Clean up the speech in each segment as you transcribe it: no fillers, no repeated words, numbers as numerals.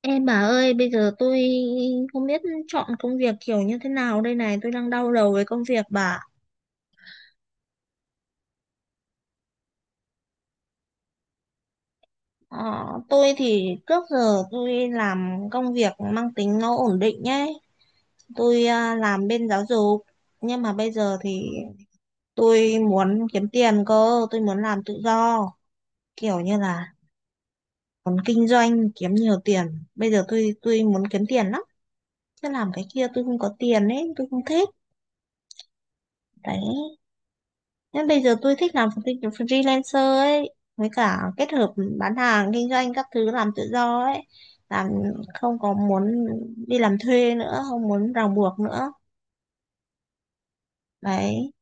Em bà ơi, bây giờ tôi không biết chọn công việc kiểu như thế nào đây này, tôi đang đau đầu với công việc bà. Ờ, tôi thì trước giờ tôi làm công việc mang tính nó ổn định nhé. Tôi làm bên giáo dục, nhưng mà bây giờ thì tôi muốn kiếm tiền cơ, tôi muốn làm tự do, kiểu như là muốn kinh doanh kiếm nhiều tiền. Bây giờ tôi muốn kiếm tiền lắm, chứ làm cái kia tôi không có tiền ấy, tôi không thích. Đấy. Nên bây giờ tôi thích làm freelancer ấy, với cả kết hợp bán hàng, kinh doanh các thứ làm tự do ấy, làm không có muốn đi làm thuê nữa, không muốn ràng buộc nữa. Đấy,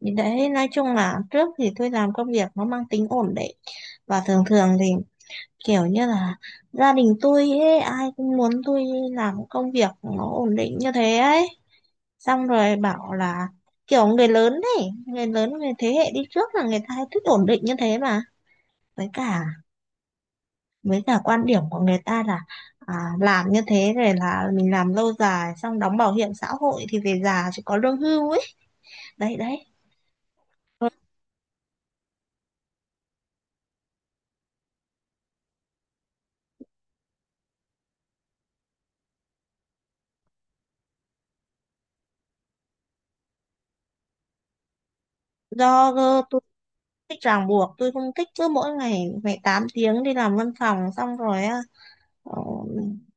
thì đấy nói chung là trước thì tôi làm công việc nó mang tính ổn định và thường thường thì kiểu như là gia đình tôi ấy, ai cũng muốn tôi làm công việc nó ổn định như thế ấy. Xong rồi bảo là kiểu người lớn ấy, người lớn người thế hệ đi trước là người ta hay thích ổn định như thế mà. với cả với cả quan điểm của người ta là làm như thế rồi là mình làm lâu dài xong đóng bảo hiểm xã hội thì về già chỉ có lương hưu ấy, đấy đấy. Tôi không thích ràng buộc, tôi không thích cứ mỗi ngày phải 8 tiếng đi làm văn phòng xong rồi ờ,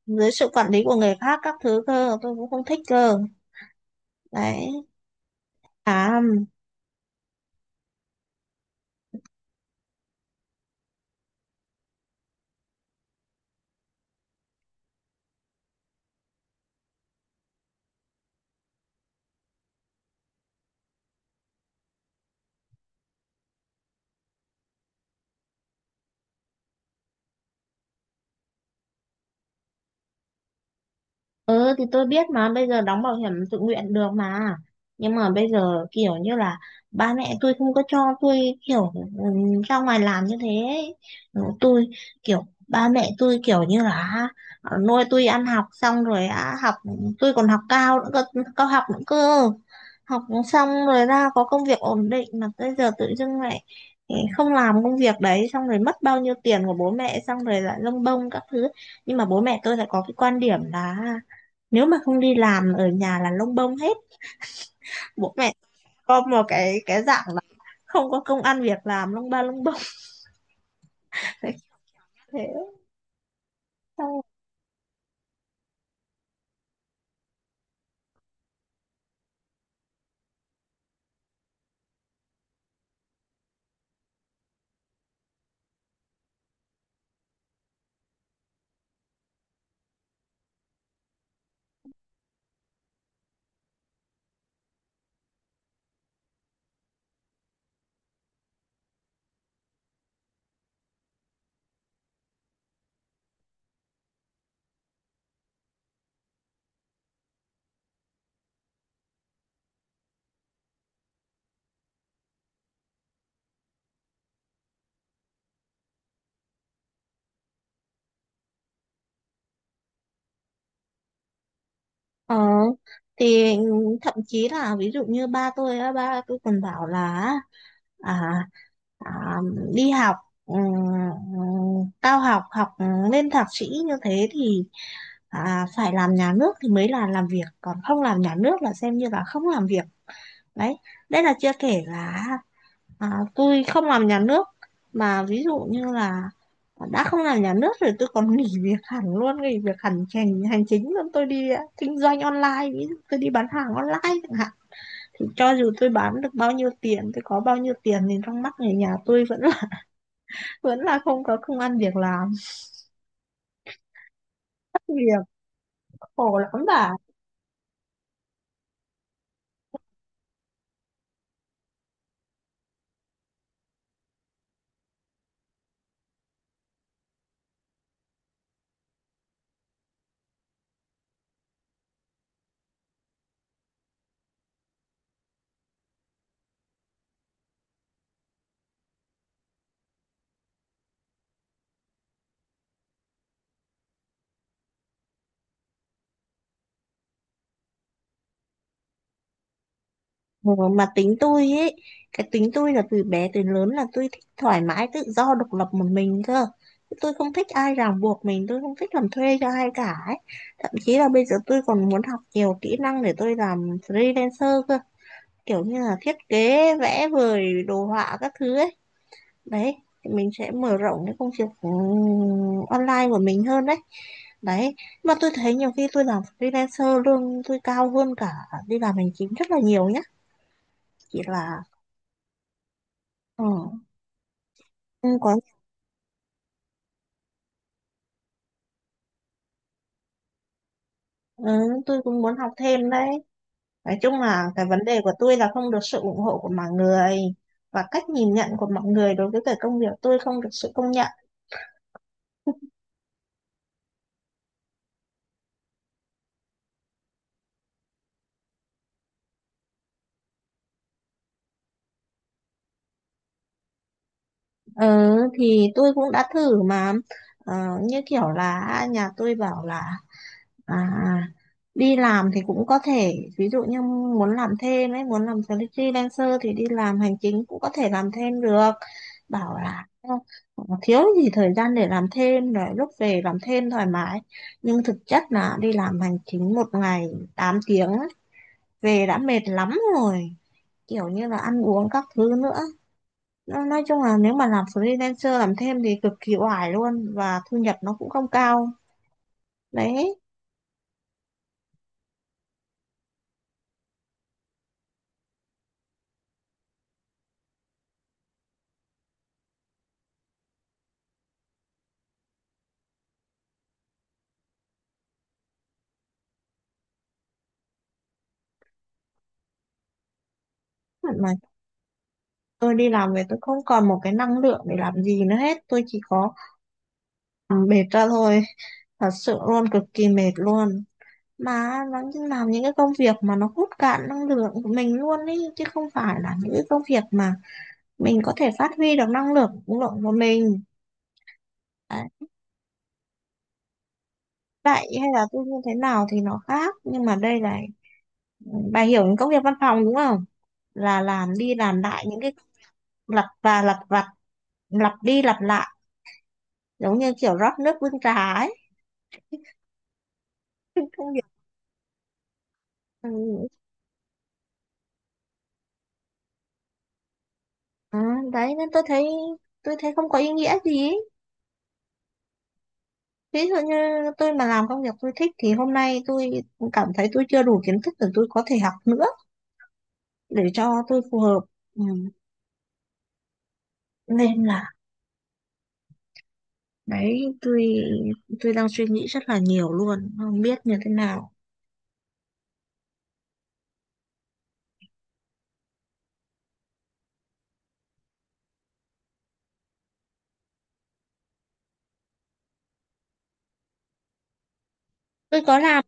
dưới sự quản lý của người khác các thứ cơ tôi cũng không thích cơ. Đấy. À Ừ thì tôi biết mà bây giờ đóng bảo hiểm tự nguyện được mà, nhưng mà bây giờ kiểu như là ba mẹ tôi không có cho tôi, kiểu ừ, ra ngoài làm như thế ấy. Tôi kiểu ba mẹ tôi kiểu như là nuôi tôi ăn học xong rồi á, học tôi còn học cao nữa cơ, cao học nữa cơ, học xong rồi ra có công việc ổn định mà bây giờ tự dưng lại không làm công việc đấy xong rồi mất bao nhiêu tiền của bố mẹ xong rồi lại lông bông các thứ. Nhưng mà bố mẹ tôi lại có cái quan điểm là nếu mà không đi làm ở nhà là lông bông hết, bố mẹ có một cái dạng là không có công ăn việc làm lông ba lông bông thế. Xong, ờ, thì thậm chí là ví dụ như ba tôi á, ba tôi còn bảo là à, à, đi học ừm, cao học học lên thạc sĩ như thế thì phải làm nhà nước thì mới là làm việc, còn không làm nhà nước là xem như là không làm việc. Đấy, đây là chưa kể là tôi không làm nhà nước mà ví dụ như là đã không làm nhà nước rồi tôi còn nghỉ việc hẳn luôn, nghỉ việc hẳn hành hành chính luôn, tôi đi kinh doanh online, ví dụ tôi đi bán hàng online chẳng hạn, thì cho dù tôi bán được bao nhiêu tiền, tôi có bao nhiêu tiền thì trong mắt người nhà tôi vẫn là vẫn là không có công ăn việc làm, thất nghiệp, khổ lắm bà. Ừ, mà tính tôi ấy, cái tính tôi là từ bé tới lớn là tôi thích thoải mái tự do độc lập một mình cơ, tôi không thích ai ràng buộc mình, tôi không thích làm thuê cho ai cả ấy. Thậm chí là bây giờ tôi còn muốn học nhiều kỹ năng để tôi làm freelancer cơ, kiểu như là thiết kế vẽ vời đồ họa các thứ ấy. Đấy, thì mình sẽ mở rộng cái công việc online của mình hơn. Đấy, đấy, mà tôi thấy nhiều khi tôi làm freelancer lương tôi cao hơn cả đi làm hành chính rất là nhiều nhá. Chỉ là, ừ, cũng có, ừ, tôi cũng muốn học thêm đấy. Nói chung là cái vấn đề của tôi là không được sự ủng hộ của mọi người và cách nhìn nhận của mọi người đối với cái công việc, tôi không được sự công nhận. Ừ, thì tôi cũng đã thử mà. Ờ, như kiểu là nhà tôi bảo là À, à. đi làm thì cũng có thể ví dụ như muốn làm thêm ấy, muốn làm freelancer thì đi làm hành chính cũng có thể làm thêm được, bảo là "Ờ, thiếu gì thời gian để làm thêm, rồi lúc về làm thêm thoải mái", nhưng thực chất là đi làm hành chính một ngày 8 tiếng ấy, về đã mệt lắm rồi, kiểu như là ăn uống các thứ nữa. Nói chung là nếu mà làm freelancer làm thêm thì cực kỳ oải luôn và thu nhập nó cũng không cao. Đấy, mà tôi đi làm về tôi không còn một cái năng lượng để làm gì nữa hết, tôi chỉ có ừ, mệt ra thôi, thật sự luôn cực kỳ mệt luôn, mà nó như làm những cái công việc mà nó hút cạn năng lượng của mình luôn ý, chứ không phải là những cái công việc mà mình có thể phát huy được năng lượng lượng của mình. Đấy. Vậy hay là tôi như thế nào thì nó khác, nhưng mà đây là bà hiểu những công việc văn phòng đúng không, là làm đi làm lại những cái lặp và lặp vặt, lặp đi lặp lại, giống như kiểu rót nước bưng trà ấy, công việc. Ừ. à, Đấy nên tôi thấy, tôi thấy không có ý nghĩa gì ý. Ví dụ như tôi mà làm công việc tôi thích thì hôm nay tôi cảm thấy tôi chưa đủ kiến thức để tôi có thể học nữa để cho tôi phù hợp. Ừ, nên là đấy tôi đang suy nghĩ rất là nhiều luôn, không biết như thế nào. Tôi có làm,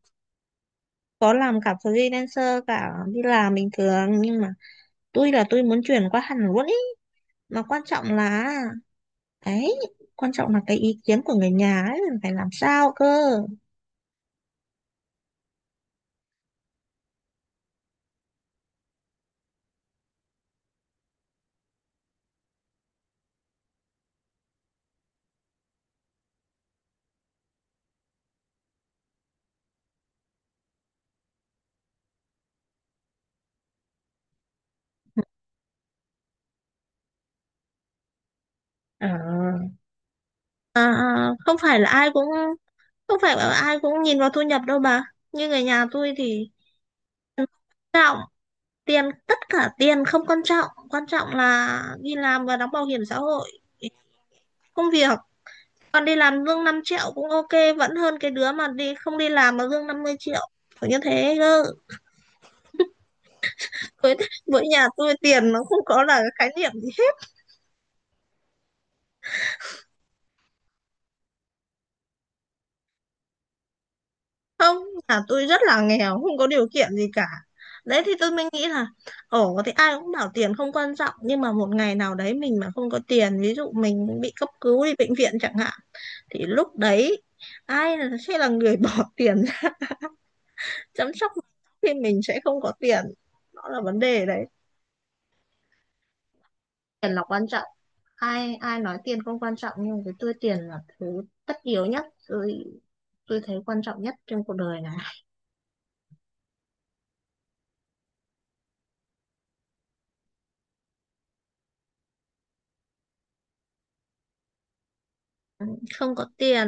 có làm cả freelancer cả đi làm bình thường nhưng mà tôi là tôi muốn chuyển qua hẳn luôn ý, mà quan trọng là, đấy, quan trọng là cái ý kiến của người nhà ấy, mình phải làm sao cơ. À, không phải là ai cũng, không phải là ai cũng nhìn vào thu nhập đâu bà. Như người nhà tôi thì không quan trọng tiền, tất cả tiền không quan trọng, quan trọng là đi làm và đóng bảo hiểm xã hội, công việc. Còn đi làm lương 5 triệu cũng ok, vẫn hơn cái đứa mà đi không đi làm mà lương 50 triệu. Kiểu như thế cơ. Với với nhà tôi tiền nó không có là cái khái niệm gì. Không, nhà tôi rất là nghèo, không có điều kiện gì cả. Đấy thì tôi mới nghĩ là, ồ thì ai cũng bảo tiền không quan trọng, nhưng mà một ngày nào đấy mình mà không có tiền, ví dụ mình bị cấp cứu đi bệnh viện chẳng hạn, thì lúc đấy sẽ là người bỏ tiền ra chăm sóc mình khi mình sẽ không có tiền. Đó là vấn đề đấy. Tiền là quan trọng, ai ai nói tiền không quan trọng nhưng với tôi tiền là thứ tất yếu nhất, tôi thấy quan trọng nhất trên cuộc đời này. Không có tiền,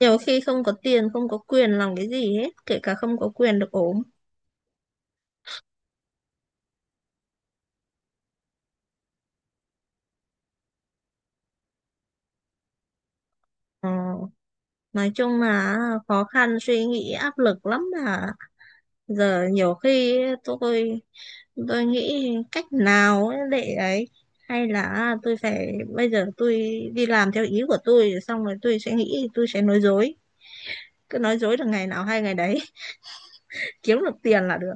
nhiều khi không có tiền, không có quyền làm cái gì hết, kể cả không có quyền được ốm. Ờ, nói chung là khó khăn, suy nghĩ, áp lực lắm mà. Giờ nhiều khi tôi tôi nghĩ cách nào ấy để ấy, hay là tôi phải bây giờ tôi đi làm theo ý của tôi xong rồi tôi sẽ nghĩ, tôi sẽ nói dối, cứ nói dối được ngày nào hay ngày đấy, kiếm được tiền là được.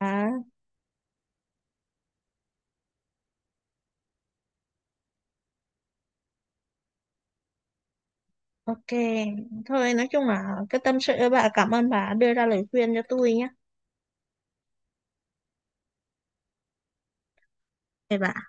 à ok, thôi nói chung là cái tâm sự, bà cảm ơn bà đưa ra lời khuyên cho tôi nhé. Thế bà